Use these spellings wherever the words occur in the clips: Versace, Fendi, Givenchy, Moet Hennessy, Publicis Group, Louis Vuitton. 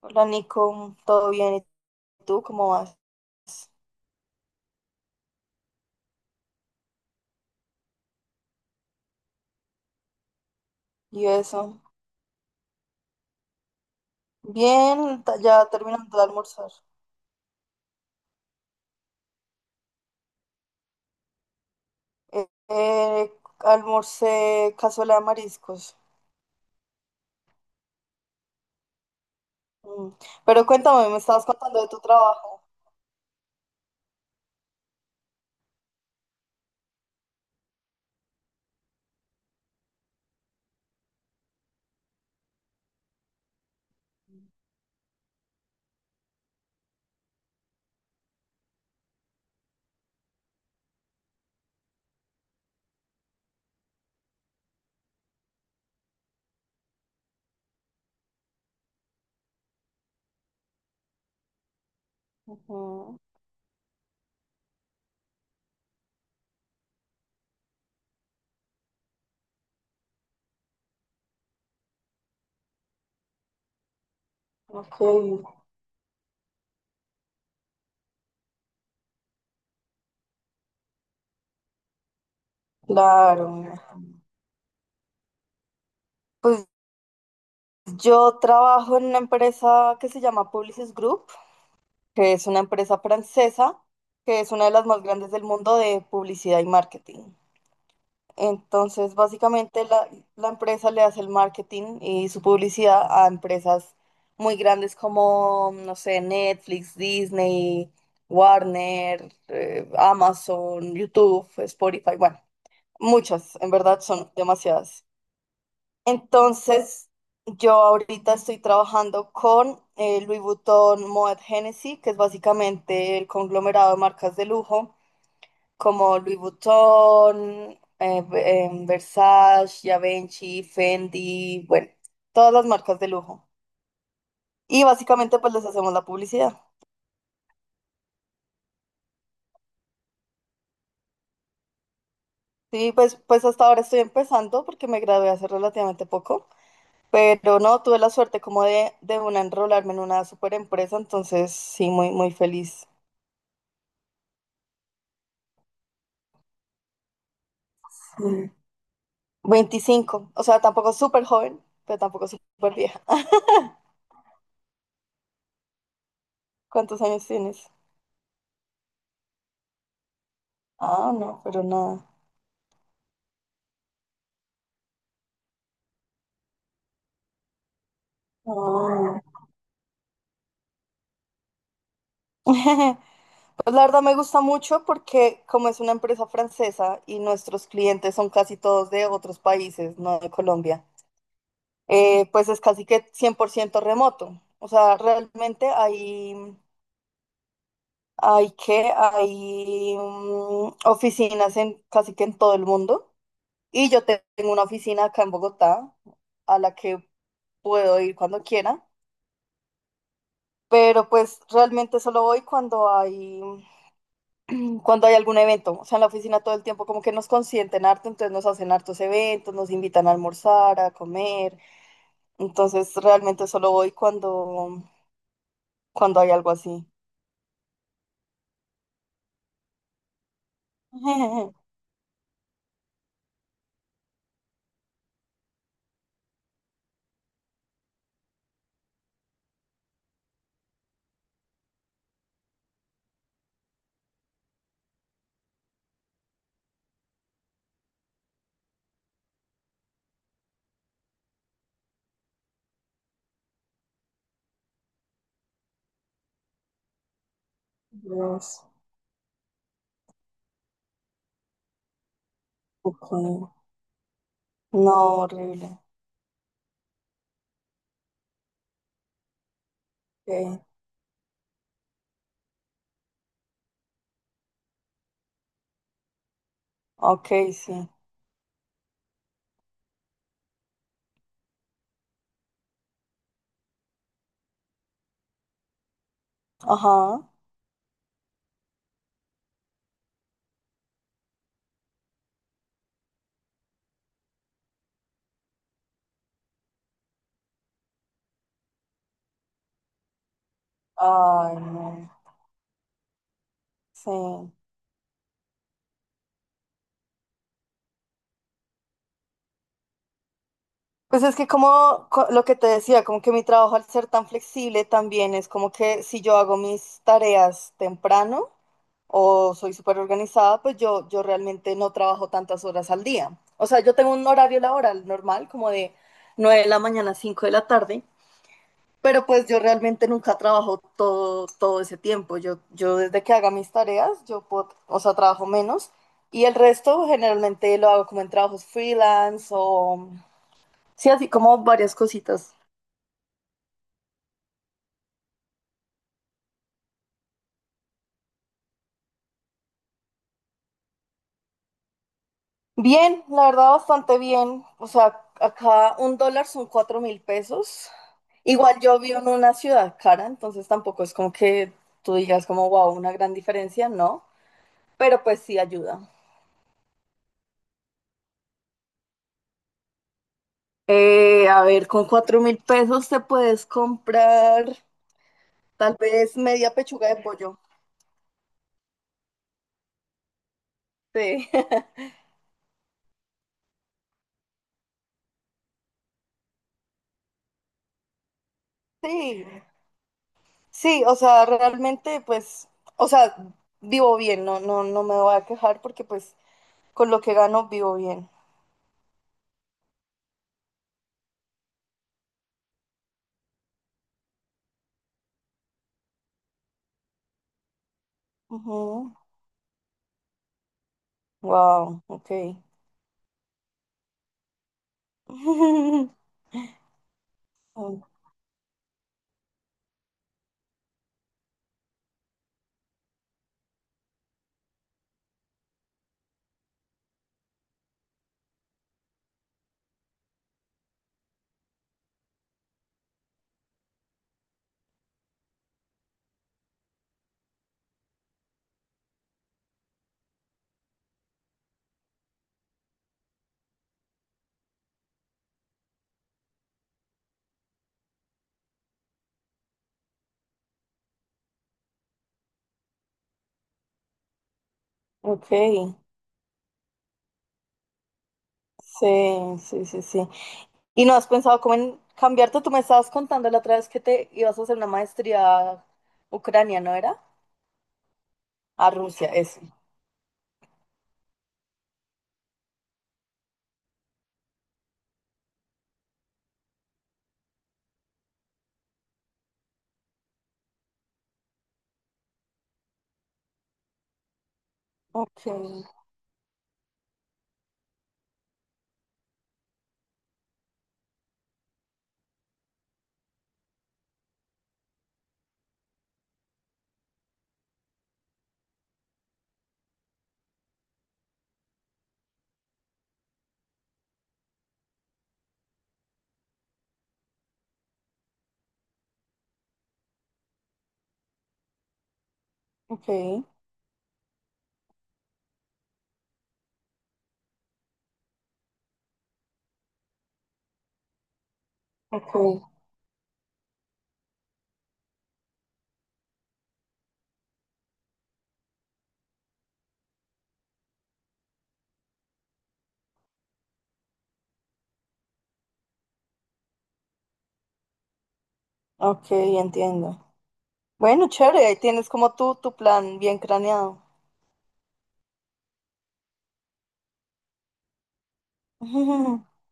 Hola Nico, ¿todo bien? ¿Y tú cómo vas? Y eso. Bien, ya terminando de almorzar. Eh, eh, almorcé cazuela de mariscos. Mm. Pero cuéntame, me estabas contando de tu trabajo. Ujú. Ok, claro. Pues yo trabajo en una empresa que se llama Publicis Group, que es una empresa francesa, que es una de las más grandes del mundo de publicidad y marketing. Entonces, básicamente la empresa le hace el marketing y su publicidad a empresas muy grandes como, no sé, Netflix, Disney, Warner, Amazon, YouTube, Spotify, bueno, muchas, en verdad son demasiadas. Entonces, yo ahorita estoy trabajando con Louis Vuitton, Moet Hennessy, que es básicamente el conglomerado de marcas de lujo como Louis Vuitton, Versace, Givenchy, Fendi, bueno, todas las marcas de lujo. Y básicamente pues les hacemos la publicidad. Sí, pues hasta ahora estoy empezando porque me gradué hace relativamente poco, pero no, tuve la suerte como de una enrolarme en una super empresa, entonces sí, muy, muy feliz. Mm. 25, o sea, tampoco súper joven, pero tampoco súper vieja. ¿Cuántos años tienes? Ah, no, pero nada. Ah. Pues la verdad me gusta mucho porque como es una empresa francesa y nuestros clientes son casi todos de otros países, no de Colombia, pues es casi que 100% remoto. O sea, realmente hay oficinas en casi que en todo el mundo. Y yo tengo una oficina acá en Bogotá a la que puedo ir cuando quiera, pero pues realmente solo voy cuando hay algún evento, o sea, en la oficina todo el tiempo como que nos consienten harto, entonces nos hacen hartos eventos, nos invitan a almorzar, a comer, entonces realmente solo voy cuando hay algo así. Dios, ok. No, horrible. Okay. Ok, sí. Ajá. Ay, no. Sí. Pues es que como lo que te decía, como que mi trabajo al ser tan flexible también es como que si yo hago mis tareas temprano, o soy súper organizada, pues yo realmente no trabajo tantas horas al día. O sea, yo tengo un horario laboral normal, como de 9 de la mañana a 5 de la tarde, pero pues yo realmente nunca trabajo todo ese tiempo. Yo desde que haga mis tareas, yo puedo, o sea, trabajo menos y el resto generalmente lo hago como en trabajos freelance o sí, así como varias cositas. Bien, la verdad bastante bien. O sea, acá un dólar son 4.000 pesos. Igual yo vivo en una ciudad cara, entonces tampoco es como que tú digas como, wow, una gran diferencia, no, pero pues sí ayuda. A ver, con 4.000 pesos te puedes comprar tal vez media pechuga de pollo. Sí. Sí, sí, o sea, realmente, pues, o sea, vivo bien, no, no, no me voy a quejar porque pues con lo que gano vivo bien. Ujú. Wow, ok. Oh, ok, sí, sí, sí, sí. ¿Y no has pensado cómo en cambiarte? Tú me estabas contando la otra vez que te ibas a hacer una maestría a Ucrania, ¿no era? A Rusia, eso. Ok, ok, ok, ok, entiendo. Bueno, chévere, ahí tienes como tú tu plan bien craneado.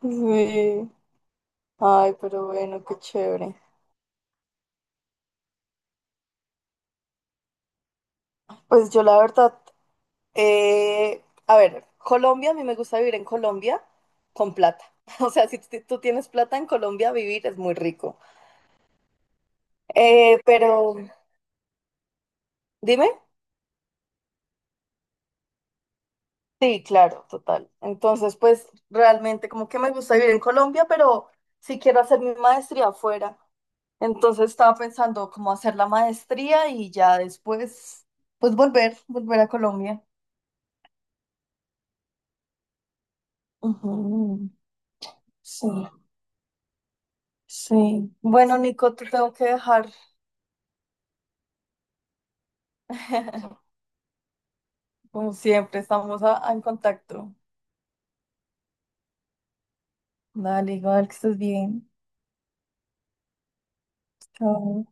Sí. Ay, pero bueno, qué chévere. Pues yo la verdad. Eh, a ver, Colombia, a mí me gusta vivir en Colombia con plata. O sea, si tú tienes plata en Colombia, vivir es muy rico. Pero, dime. Sí, claro, total. Entonces, pues realmente como que me gusta vivir en Colombia, pero sí quiero hacer mi maestría afuera. Entonces estaba pensando cómo hacer la maestría y ya después, pues volver a Colombia. Ujú. Sí, sí. Bueno, Nico, te tengo que dejar. Como siempre, estamos en contacto. Dale, igual que estés bien. Chao.